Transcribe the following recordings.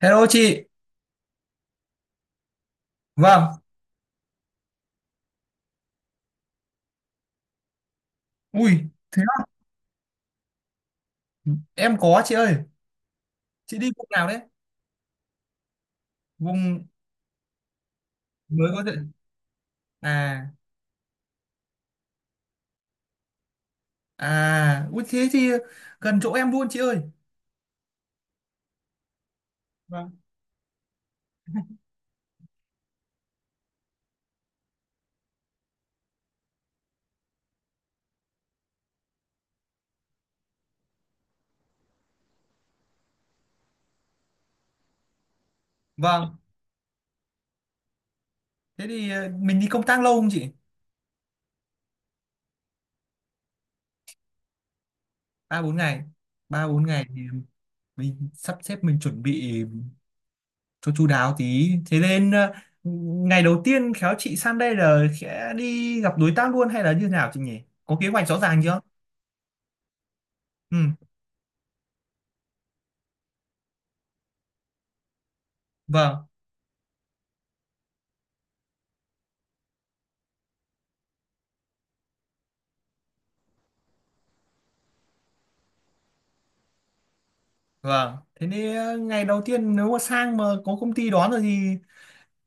Hello chị. Vâng. Ui, thế á? Em có chị ơi. Chị đi vùng nào đấy? Vùng mới có thể. À, ui thế thì gần chỗ em luôn chị ơi. Vâng. Vâng. Thế thì mình đi công tác lâu không chị? 3 4 ngày. 3 4 ngày thì mình sắp xếp, mình chuẩn bị cho chu đáo tí. Thế nên ngày đầu tiên khéo chị sang đây là sẽ đi gặp đối tác luôn hay là như nào chị nhỉ? Có kế hoạch rõ ràng chưa? Ừ, vâng. Vâng, thế nên ngày đầu tiên nếu mà sang mà có công ty đón rồi thì,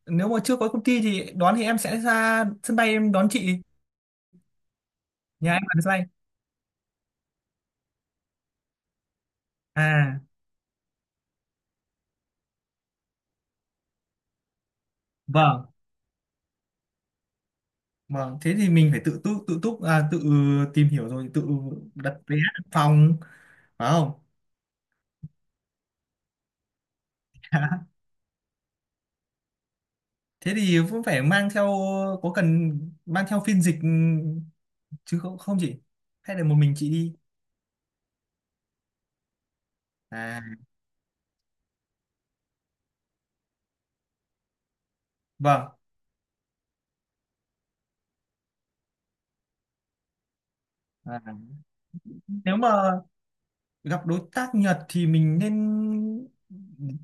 nếu mà chưa có công ty thì đón thì em sẽ ra sân bay em đón chị, nhà em ở sân bay. À, vâng, vâng, thế thì mình phải tự túc à, tự tìm hiểu rồi tự đặt vé đặt phòng phải không? Thế thì cũng phải mang theo, có cần mang theo phiên dịch chứ không không chị? Hay là một mình chị đi? À, vâng. À. Nếu mà gặp đối tác Nhật thì mình nên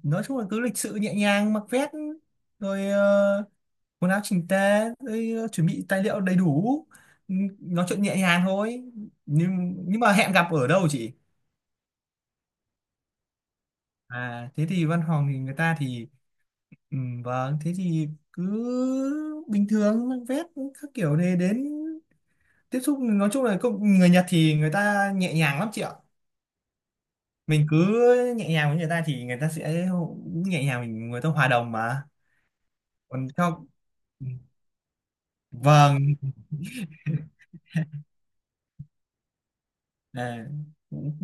nói chung là cứ lịch sự nhẹ nhàng, mặc vest rồi quần áo chỉnh tề rồi, chuẩn bị tài liệu đầy đủ. Ừ, nói chuyện nhẹ nhàng thôi. Nhưng mà hẹn gặp ở đâu chị? À thế thì văn phòng thì người ta thì, ừ, vâng thế thì cứ bình thường mặc vest các kiểu này đến tiếp xúc. Nói chung là người Nhật thì người ta nhẹ nhàng lắm chị ạ. Mình cứ nhẹ nhàng với người ta thì người ta sẽ nhẹ nhàng, mình người ta hòa đồng mà. Còn cho vâng, à, cũng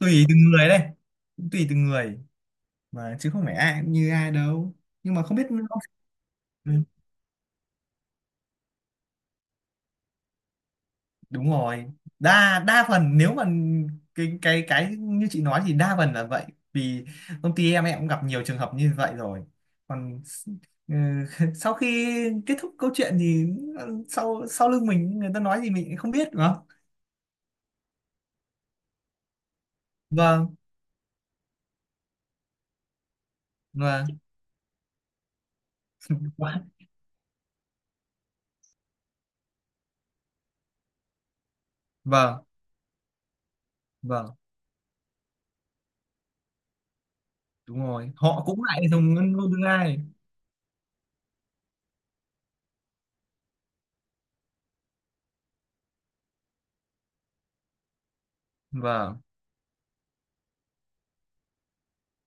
tùy từng người đây, cũng tùy từng người mà, chứ không phải ai cũng như ai đâu, nhưng mà không biết ông... Đúng rồi, đa đa phần nếu mà cái như chị nói thì đa phần là vậy. Vì công ty em cũng gặp nhiều trường hợp như vậy rồi. Còn ừ, sau khi kết thúc câu chuyện thì sau sau lưng mình người ta nói gì mình cũng không biết đúng không. Vâng, vâng. Vâng, vâng, đúng rồi, họ cũng lại dùng ngôn ngữ ai. Vâng.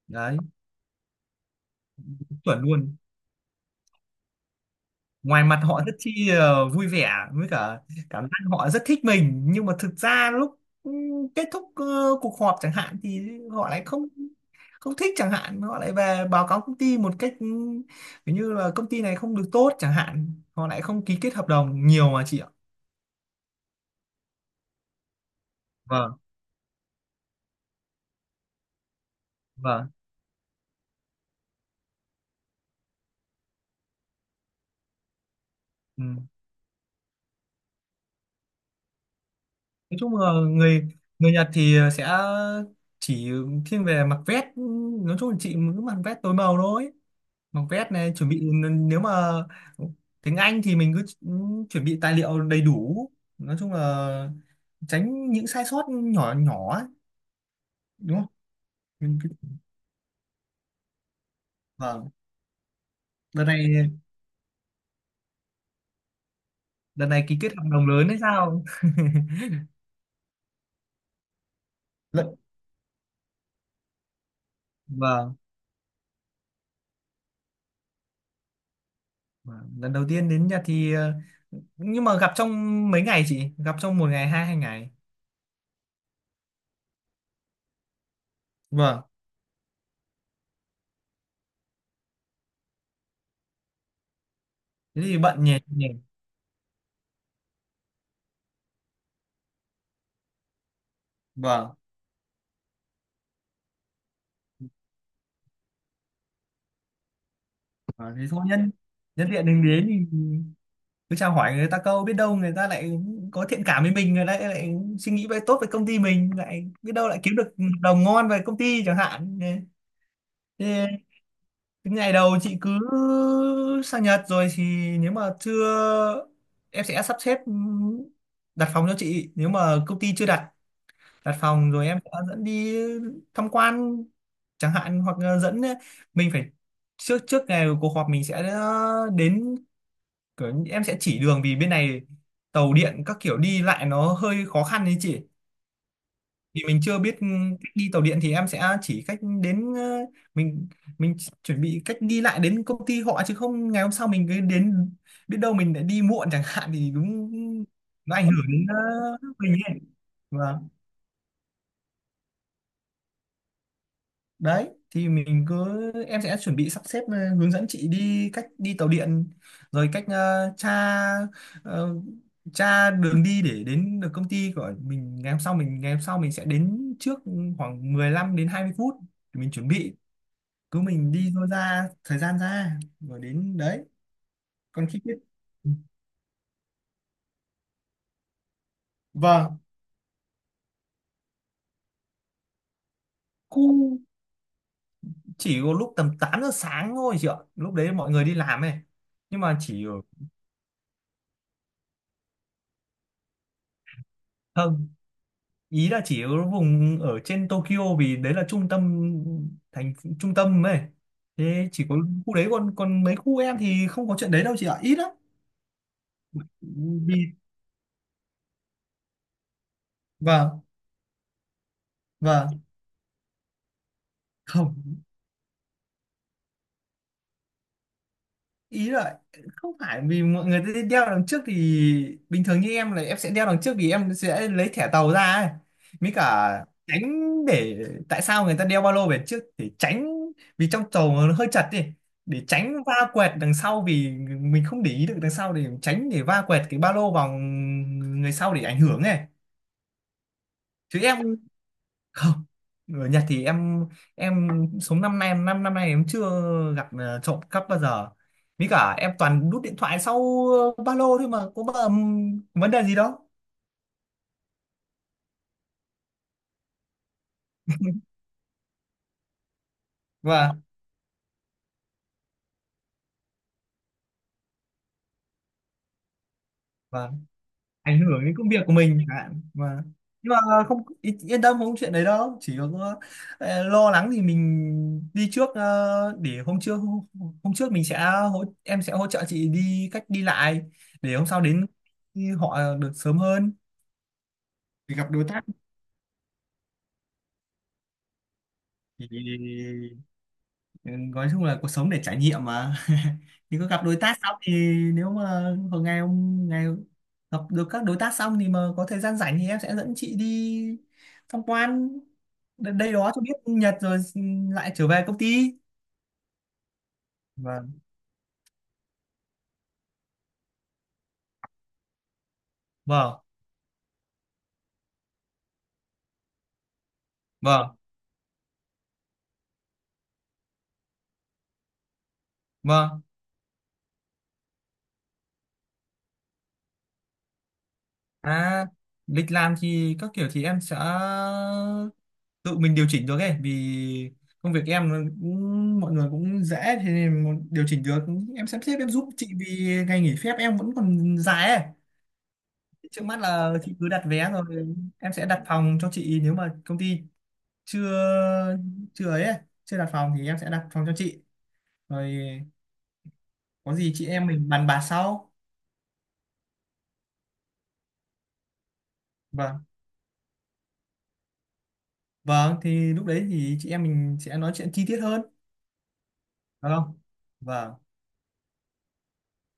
Đấy, chuẩn luôn, ngoài mặt họ rất chi vui vẻ với cả cảm giác họ rất thích mình, nhưng mà thực ra lúc kết thúc cuộc họp chẳng hạn thì họ lại không, không thích chẳng hạn, họ lại về báo cáo công ty một cách kiểu như là công ty này không được tốt chẳng hạn, họ lại không ký kết hợp đồng nhiều mà chị ạ. Vâng, vâng. Ừ, nói chung là người người Nhật thì sẽ chỉ thiên về mặc vest. Ừ, nói chung là chị cứ mặc vest tối màu thôi, mặc vest này chuẩn bị. Nếu mà tiếng Anh thì mình cứ chuẩn bị tài liệu đầy đủ. Nói chung là tránh những sai sót nhỏ nhỏ ấy, đúng không? Mình cứ, vâng. Đợt này, đợt này ký kết hợp đồng lớn hay sao? Lần-, vâng. Vâng. Lần đầu tiên đến Nhật thì ờ, nhưng mà gặp trong mấy ngày, chị gặp trong một ngày, hai 2 ngày? Vâng, thế thì bận nhỉ, nhỉ. Vâng, Vâng, thế thôi nhân nhân tiện đừng đến thì cứ chào hỏi người ta câu, biết đâu người ta lại có thiện cảm với mình, người ta lại suy nghĩ về tốt về công ty mình, lại biết đâu lại kiếm được hợp đồng ngon về công ty chẳng hạn. Thế cái ngày đầu chị cứ sang Nhật rồi thì nếu mà chưa, em sẽ sắp xếp đặt phòng cho chị nếu mà công ty chưa đặt, đặt phòng rồi em sẽ dẫn đi tham quan chẳng hạn, hoặc là dẫn mình phải trước trước ngày cuộc họp mình sẽ đến, kiểu em sẽ chỉ đường vì bên này tàu điện các kiểu đi lại nó hơi khó khăn đấy chị. Vì mình chưa biết ừ, cách đi tàu điện thì em sẽ chỉ cách đến mình mình chuẩn bị cách đi lại đến công ty họ, chứ không ngày hôm sau mình cứ đến biết đâu mình lại đi muộn chẳng hạn thì đúng, nó ảnh hưởng đến mình ấy. Vâng. Đấy thì mình cứ, em sẽ chuẩn bị sắp xếp hướng dẫn chị đi cách đi tàu điện, rồi cách tra ờ, tra đường đi để đến được công ty của mình. Ngày hôm sau mình sẽ đến trước khoảng 15 đến 20 phút, thì mình chuẩn bị, cứ mình đi thôi, ra thời gian ra rồi đến đấy. Còn khi biết, vâng, khu chỉ có lúc tầm 8 giờ sáng thôi chị ạ, lúc đấy mọi người đi làm ấy, nhưng mà chỉ ở, vâng. Ý là chỉ ở vùng ở trên Tokyo vì đấy là thành trung tâm ấy. Thế chỉ có khu đấy, còn còn mấy khu em thì không có chuyện đấy đâu chị ạ, ít lắm. Vì và và không, ý là không phải, vì mọi người sẽ đeo đằng trước thì bình thường, như em là em sẽ đeo đằng trước vì em sẽ lấy thẻ tàu ra ấy. Mới cả tránh, để tại sao người ta đeo ba lô về trước, để tránh vì trong tàu nó hơi chật đi, để tránh va quẹt đằng sau, vì mình không để ý được đằng sau, để tránh để va quẹt cái ba lô vào người sau để ảnh hưởng này. Chứ em không, người Nhật thì em sống năm nay, năm 5 năm nay em chưa gặp trộm cắp bao giờ. Với cả em toàn đút điện thoại sau ba lô thôi mà có bao, vấn đề gì đâu. Và và Ảnh hưởng đến công việc của mình à, và nhưng mà không yên tâm không có chuyện đấy đâu. Chỉ có lo lắng thì mình đi trước để hôm trước mình sẽ em sẽ hỗ trợ chị đi cách đi lại, để hôm sau đến họ được sớm hơn, để gặp đối tác. Thì ừ, nói chung là cuộc sống để trải nghiệm mà. Thì có gặp đối tác xong thì nếu mà một ngày ông ngày gặp được các đối tác xong thì mà có thời gian rảnh thì em sẽ dẫn chị đi tham quan đây đó cho biết Nhật rồi ừ, lại trở về công ty. Vâng, vâng. Vâng, vâng. À, lịch làm thì các kiểu thì em sẽ tự mình điều chỉnh được ấy, vì công việc em nó cũng, mọi người cũng dễ, thế nên điều chỉnh được. Em sắp xếp em giúp chị vì ngày nghỉ phép em vẫn còn dài ấy. Trước mắt là chị cứ đặt vé rồi em sẽ đặt phòng cho chị nếu mà công ty chưa, chưa ấy ấy, chưa đặt phòng thì em sẽ đặt phòng cho chị rồi. Có gì chị em mình bàn bạc sau. Vâng. Vâng, thì lúc đấy thì chị em mình sẽ nói chuyện chi tiết hơn, được không? Vâng.